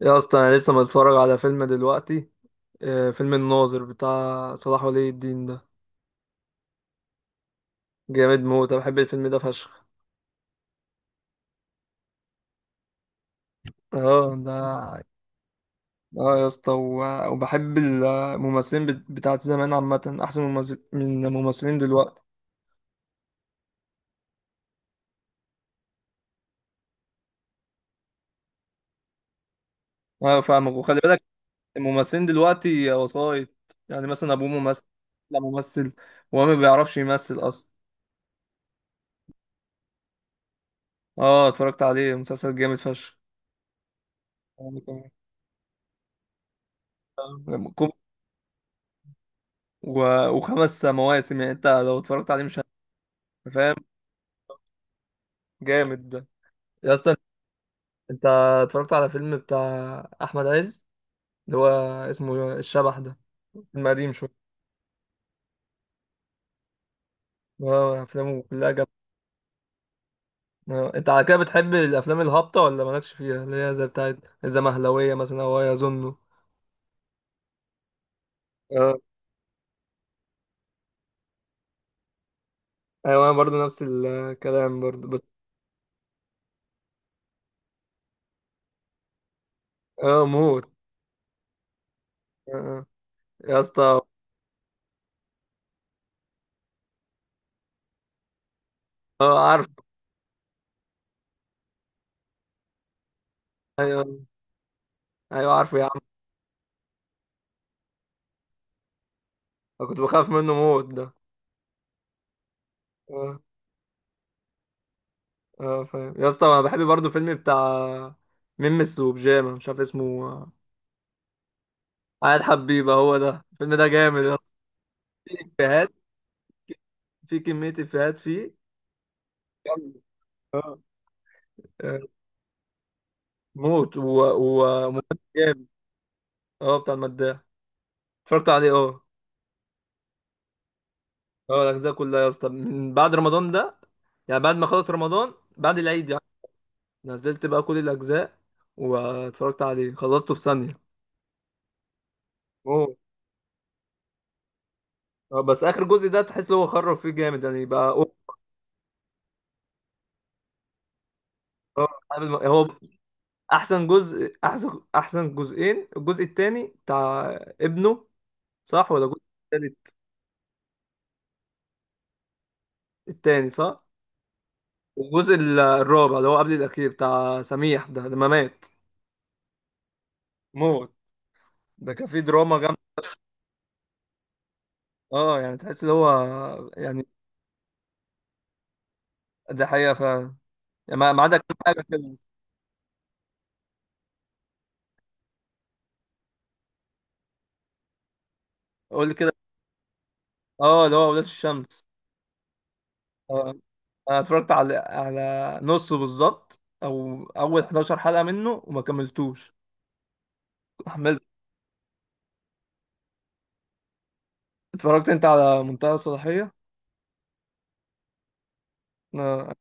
يا اصلا انا لسه متفرج على فيلم دلوقتي. آه، فيلم الناظر بتاع صلاح ولي الدين ده. جامد موت، انا بحب الفيلم ده فشخ. اه ده. اه يا اسطى وبحب الممثلين بتاعت زمان عامة احسن ممثل من الممثلين دلوقتي. اه فاهمك وخلي بالك. الممثلين دلوقتي وسايط، يعني مثلا ابوه ممثل، لا ممثل وهو ما بيعرفش يمثل اصلا. اه اتفرجت عليه، مسلسل جامد فشخ. يعني كان- كم- و... وخمس مواسم، يعني انت لو اتفرجت عليه مش فاهم. جامد ده يا اسطى. انت اتفرجت على فيلم بتاع احمد عز، اللي هو اسمه الشبح ده، فيلم قديم شويه. اه افلامه كلها جامده. اه، انت على كده بتحب الافلام الهابطه ولا مالكش فيها، اللي هي زي بتاعت الزمهلويه مثلا او يظنه. اه ايوه، انا برضه نفس الكلام برضه بس. اه موت. اه اه. يا اسطى. اه عارف. ايوه ايوه عارفه يا عم. انا كنت بخاف منه موت ده. اه اه فاهم يا اسطى، انا بحب برضه فيلم بتاع ميمس وبيجامه، مش عارف اسمه. عاد حبيبه، هو ده الفيلم ده جامد يا اسطى. في افيهات، في كميه افيهات فيه. جامدة. اه آه، موت وممثل جامد. اه بتاع المداح، اتفرجت عليه اه. اه الاجزاء كلها يا اسطى من بعد رمضان ده، يعني بعد ما خلص رمضان بعد العيد يعني. نزلت بقى كل الاجزاء واتفرجت عليه، خلصته في ثانيه. موت. اه بس اخر جزء ده تحس ان هو خرب فيه جامد يعني بقى. أوه. اه هو احسن جزء، احسن جزئين، الجزء الثاني بتاع ابنه، صح ولا الجزء التالت؟ التاني صح. والجزء الرابع اللي هو قبل الاخير بتاع سميح ده لما مات. موت. ده كان فيه دراما جامده. اه يعني تحس اللي هو، يعني ده حقيقه فعلا. يعني ما عدا كام حاجه كده. قول لي كده. اه اللي هو ولاد الشمس. اه انا اتفرجت على على نصه بالظبط، او اول 11 حلقه منه وما كملتوش، حملت. اتفرجت انت على منتهى الصلاحيه؟ اه،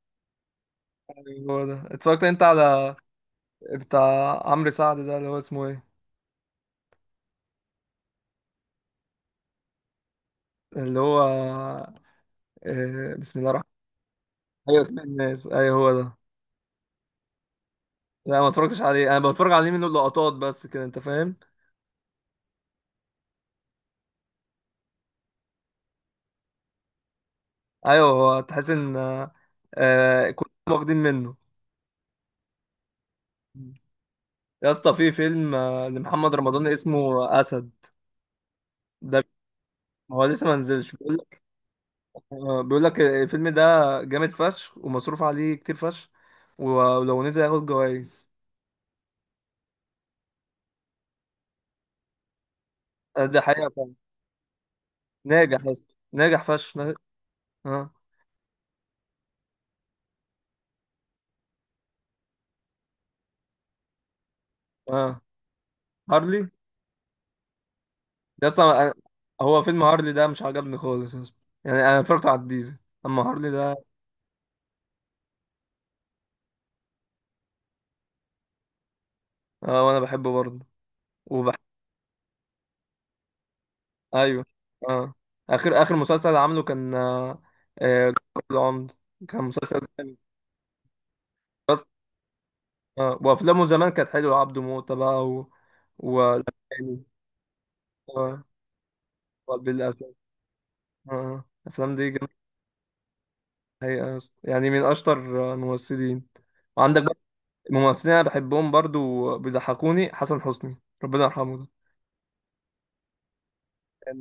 ايوه هو ده. اتفرجت انت على بتاع عمرو سعد ده، اللي هو اسمه ايه؟ اللي هو آه، بسم الله الرحمن الرحيم. ايوه اسم الناس، ايوه هو ده. لا ما اتفرجتش عليه، انا بتفرج عليه منه لقطات بس كده، انت فاهم. ايوه هو تحس ان آه، آه، كلهم واخدين منه. يا اسطى في فيلم آه، لمحمد رمضان اسمه اسد ده، هو لسه ما نزلش. بيقول لك آه، بيقول لك الفيلم ده جامد فشخ ومصروف عليه كتير فشخ، ولو نزل هياخد جوائز. آه، ده حقيقة فعلا. ناجح يا اسطى ناجح فشخ اه اه. هارلي. يا اسطى هو فيلم هارلي ده مش عجبني خالص يا اسطى، يعني انا اتفرجت على الديزل اما هارلي ده. اه وانا بحبه برضه وبح... ايوه اه. اخر مسلسل عامله كان آه، آه، جعفر العمدة، كان مسلسل جامد. بس اه وافلامه زمان كانت حلوه، عبده موته بقى و اه وقلب الاسد. اه آه، الافلام دي جامده. الحقيقة يا اسطى. يعني من اشطر آه، الممثلين. وعندك بقى ممثلين انا بحبهم برضه وبيضحكوني، حسن حسني ربنا يرحمه،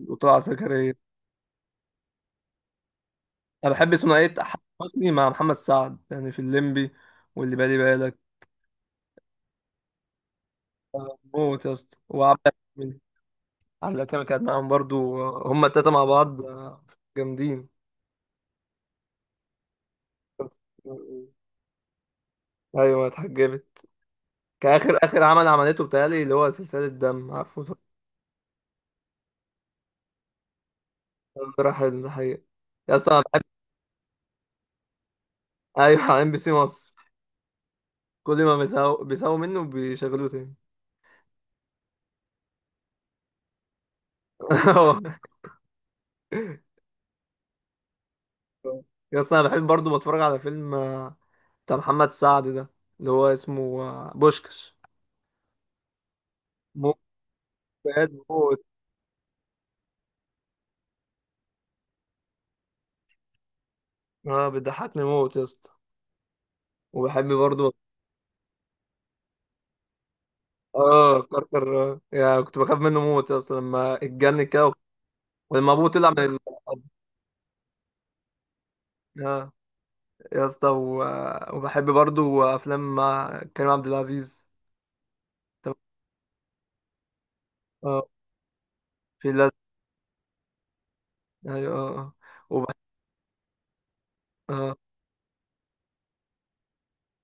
وطلع زكريا. انا بحب ثنائيه احمد حسني مع محمد سعد يعني في الليمبي واللي بالي بالك. موت يا اسطى. وعبله كامل، عبله كامل كانت معاهم برضو، هما التلاته مع بعض جامدين. ايوه اتحجبت. اخر عمل عملته بتهيألي اللي هو سلسله دم، عارفه. راح الحقيقه. يا اسطى انا بحب. ايوه على ام بي سي مصر. كل ما بيساووا منه بيشغلوه تاني. يا اسطى انا بحب برضو بتفرج على فيلم بتاع محمد سعد ده، اللي هو اسمه آه، بوشكش. موت، بجد موت. اه بيضحكني موت يا اسطى. وبحب برضه اه كركر. آه. يعني كنت بخاف منه موت يا اسطى لما اتجنن كده ولما ابوه طلع من ال... اه. يا اسطى آه، وبحب برضه افلام مع كريم عبد العزيز. طب- اه في لازم. ايوه اه آه. وبح... اه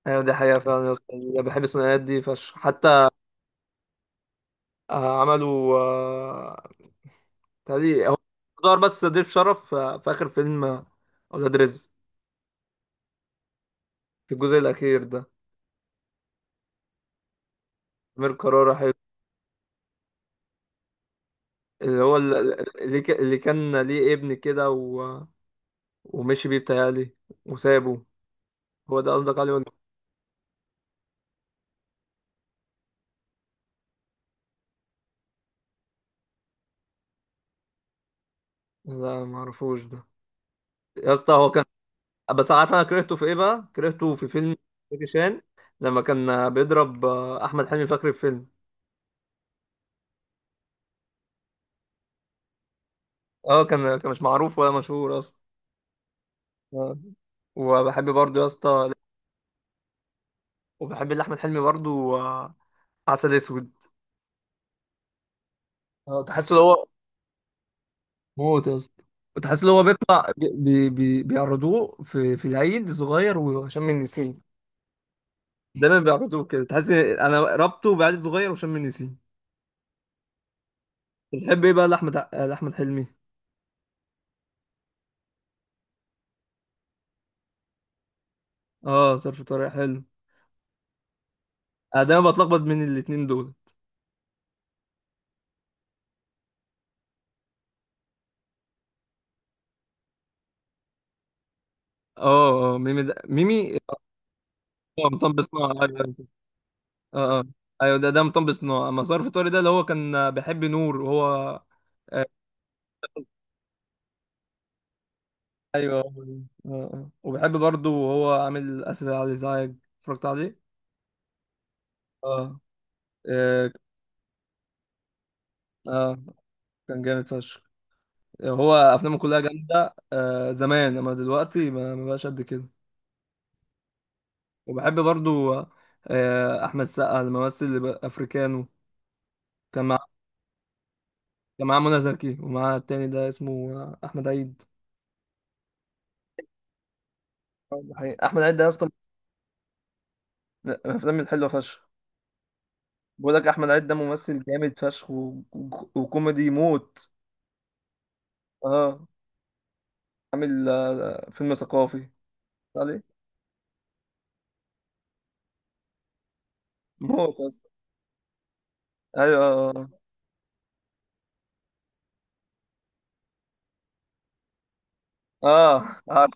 ايوه، دي حقيقة فعلا يا اسطى، بحب الثنائيات دي فشخ حتى. آه، عملوا آه، تهيألي هو دار بس ضيف شرف في آخر فيلم، أولاد رزق، في الجزء الأخير ده. أمير كرارة حلو. اللي هو اللي كان ليه ابن كده ومشي بيه بتهيألي وسابه، هو ده قصدك عليه ولا؟ لا معرفوش ده. يا اسطى هو كان، بس عارف أنا كرهته في إيه بقى؟ كرهته في فيلم زكي شان لما كان بيضرب أحمد حلمي في آخر الفيلم. اه كان مش معروف ولا مشهور أصلا. آه. وبحب برضه يا اسطى، وبحب اللي أحمد حلمي برضه آه، عسل أسود. اه تحس ان هو، موت يا اسطى، تحس ان هو بيطلع بيعرضوه في العيد صغير وشم النسيم. دايما بيعرضوه كده، تحس إن انا ربطه بعيد صغير وشم النسيم. بتحب ايه بقى لاحمد لاحمد حلمي؟ اه ظرف طارق حلو. انا دايما بتلخبط بين الاتنين دول. اه اه ميمي ده ميمي. اه مطب صناعي، ايوه أيوة. اه اه ايوه ده ده مطب صناعي، اما ظرف طارق ده اللي هو كان بيحب نور وهو آه، ايوه اه اه آه. وبيحب برضه وهو عامل اسف على الازعاج، اتفرجت عليه اه. إيه، اه كان جامد فشخ. هو افلامه كلها جامده آه زمان، اما دلوقتي ما بقاش قد كده. وبحب برضو آه احمد سقا، الممثل اللي بقى افريكانو، كان مع، كان معاه منى زكي ومعاه التاني ده اسمه آه، احمد عيد. آه، ده حقيقي. احمد عيد ده يا اسطى من الافلام الحلوه فشخ. بقول لك احمد عيد ده ممثل جامد فشخ وكوميدي موت. اه عامل آه، فيلم ثقافي عليه. موت يا اسطى. ايوه اه آه، عارف.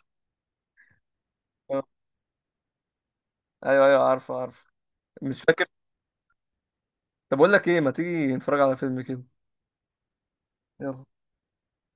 ايوه ايوه عارفه عارفه، مش فاكر. طب اقول لك ايه، ما تيجي نتفرج على فيلم كده؟ يلا.